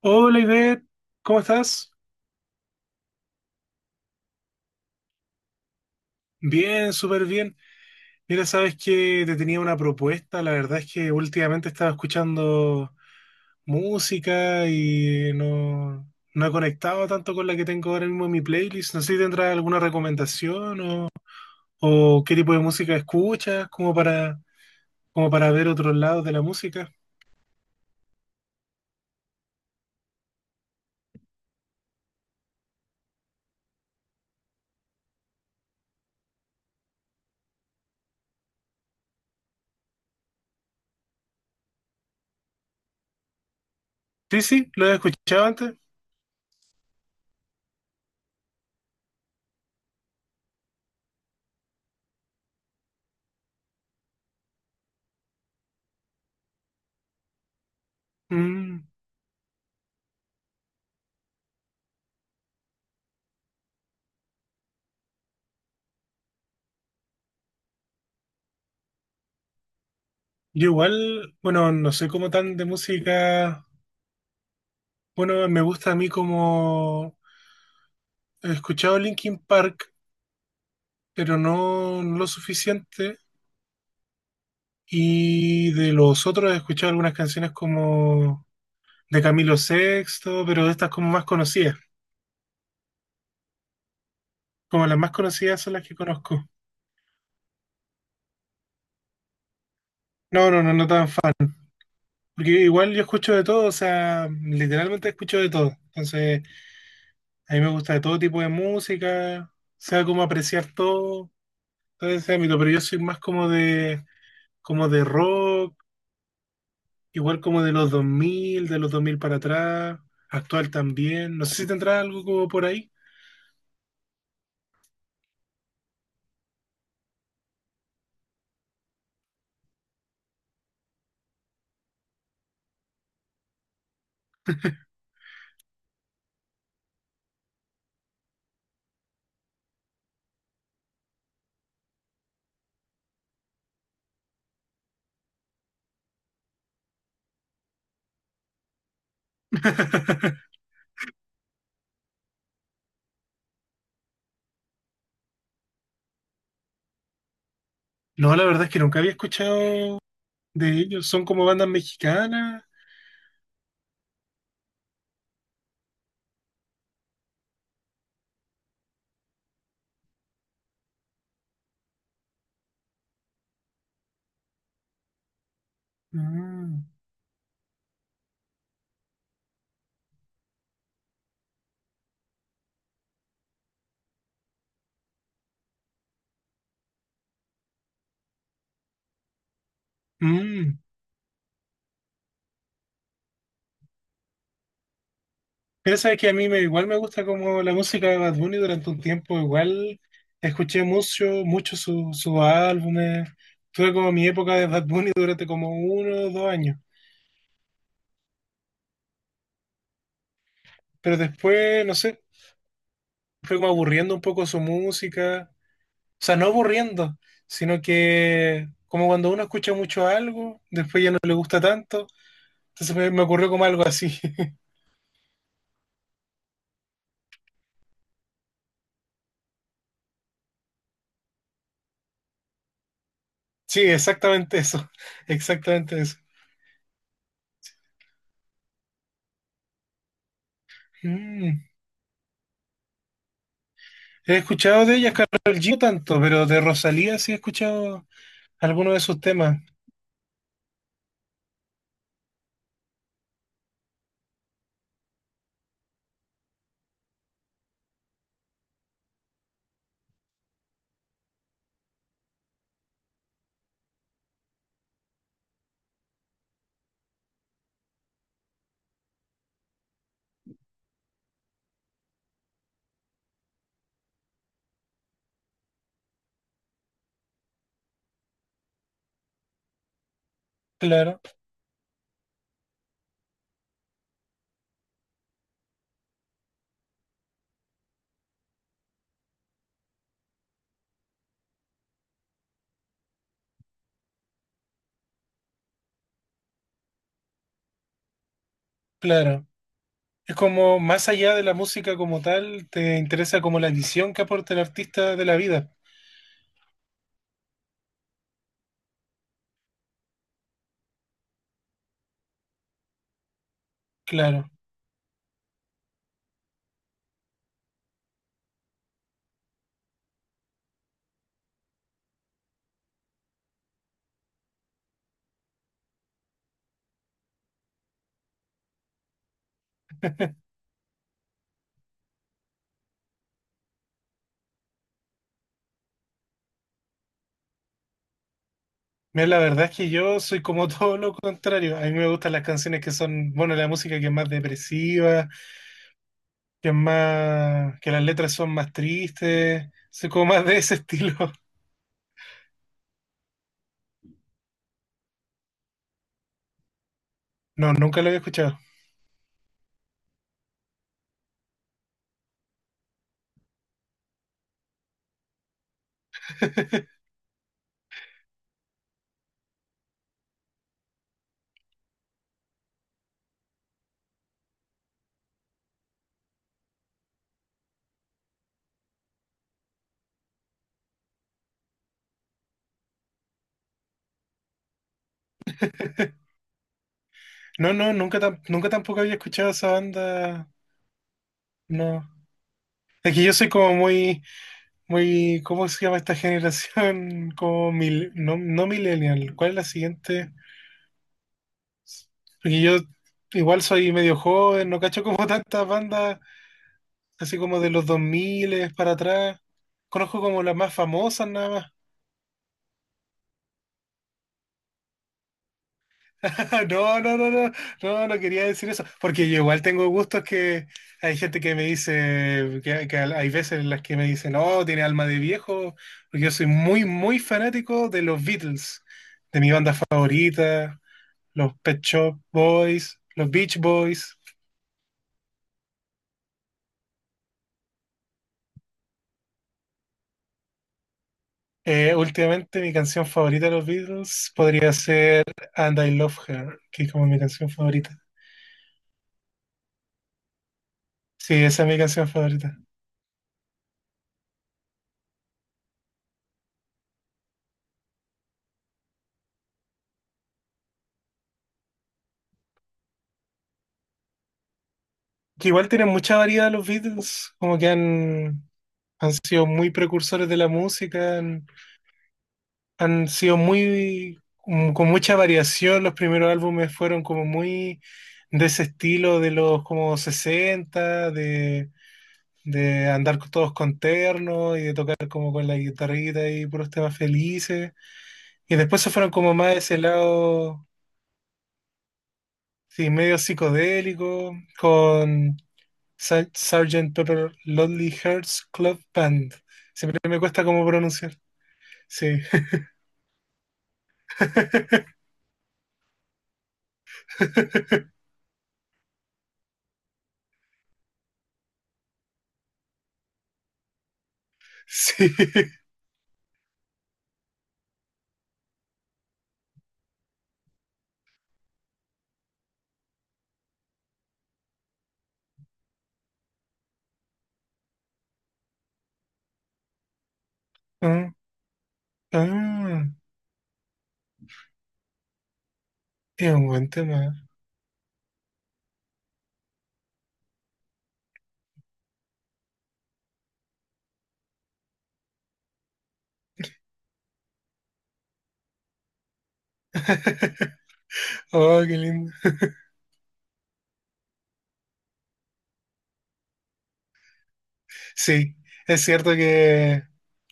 Hola Ivette, ¿cómo estás? Bien, súper bien. Mira, sabes que te tenía una propuesta. La verdad es que últimamente estaba escuchando música y no he conectado tanto con la que tengo ahora mismo en mi playlist. No sé si tendrás alguna recomendación o qué tipo de música escuchas, como para, como para ver otros lados de la música. Sí, sí, lo he escuchado antes. Mm, yo igual, bueno, no soy como tan de música. Bueno, me gusta a mí como he escuchado Linkin Park, pero no lo suficiente. Y de los otros he escuchado algunas canciones como de Camilo Sexto, pero estas como más conocidas. Como las más conocidas son las que conozco. No, no, no, no tan fan. Porque igual yo escucho de todo, o sea, literalmente escucho de todo. Entonces, a mí me gusta de todo tipo de música, sea como apreciar todo, todo ese ámbito, pero yo soy más como de rock. Igual como de los 2000 para atrás, actual también. No sé si tendrá algo como por ahí. No, la verdad es que nunca había escuchado de ellos. Son como bandas mexicanas. Mm, mm. Pero sabes que a mí me, igual me gusta como la música de Bad Bunny durante un tiempo, igual escuché mucho sus álbumes, tuve como mi época de Bad Bunny durante como uno o dos años, pero después, no sé, fue como aburriendo un poco su música, o sea, no aburriendo, sino que como cuando uno escucha mucho algo, después ya no le gusta tanto, entonces me ocurrió como algo así. Sí, exactamente eso, exactamente eso. Mm. He escuchado de ella, Karol G, no tanto, pero de Rosalía sí he escuchado algunos de sus temas. Claro, claro. Es como más allá de la música como tal, te interesa como la visión que aporta el artista de la vida. Claro. Mira, la verdad es que yo soy como todo lo contrario. A mí me gustan las canciones que son, bueno, la música que es más depresiva, que es más, que las letras son más tristes. Soy como más de ese estilo. No, nunca lo había escuchado. No, no, nunca, nunca tampoco había escuchado esa banda. No. Es que yo soy como muy, muy, ¿cómo se llama esta generación? Como mil, no, no millennial. ¿Cuál es la siguiente? Porque yo igual soy medio joven, no cacho como tantas bandas, así como de los 2000 para atrás. Conozco como las más famosas nada más. No, no, no, no, no, no quería decir eso, porque yo igual tengo gustos que hay gente que me dice, que hay veces en las que me dicen, no, tiene alma de viejo, porque yo soy muy, muy fanático de los Beatles, de mi banda favorita, los Pet Shop Boys, los Beach Boys. Últimamente mi canción favorita de los Beatles podría ser And I Love Her, que es como mi canción favorita. Sí, esa es mi canción favorita. Que igual tienen mucha variedad los Beatles, como que han, han sido muy precursores de la música, han, han sido muy, con mucha variación, los primeros álbumes fueron como muy de ese estilo de los como 60 de andar todos con terno y de tocar como con la guitarrita y puros temas felices, y después se fueron como más de ese lado, sí, medio psicodélico, con... Sgt. Pepper Lonely Hearts Club Band. Siempre me cuesta cómo pronunciar. Sí. Sí. Ah, ah, es un buen tema. Oh, qué lindo. Sí, es cierto que,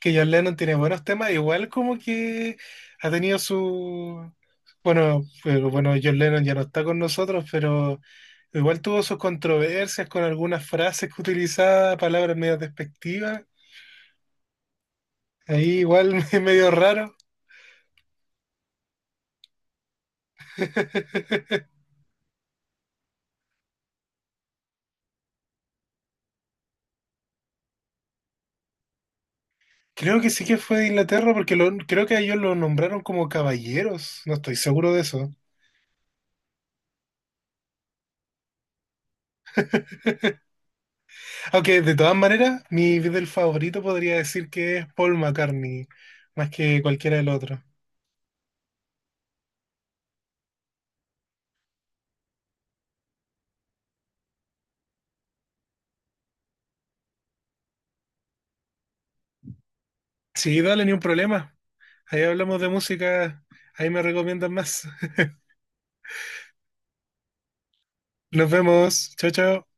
que John Lennon tiene buenos temas, igual como que ha tenido su... Bueno, bueno, John Lennon ya no está con nosotros, pero igual tuvo sus controversias con algunas frases que utilizaba, palabras medio despectivas. Ahí igual es medio raro. Creo que sí que fue de Inglaterra porque creo que a ellos lo nombraron como caballeros. No estoy seguro de eso. Aunque de todas maneras, mi Beatle favorito podría decir que es Paul McCartney, más que cualquiera del otro. Sí, dale, ni un problema. Ahí hablamos de música. Ahí me recomiendan más. Nos vemos. Chao, chao.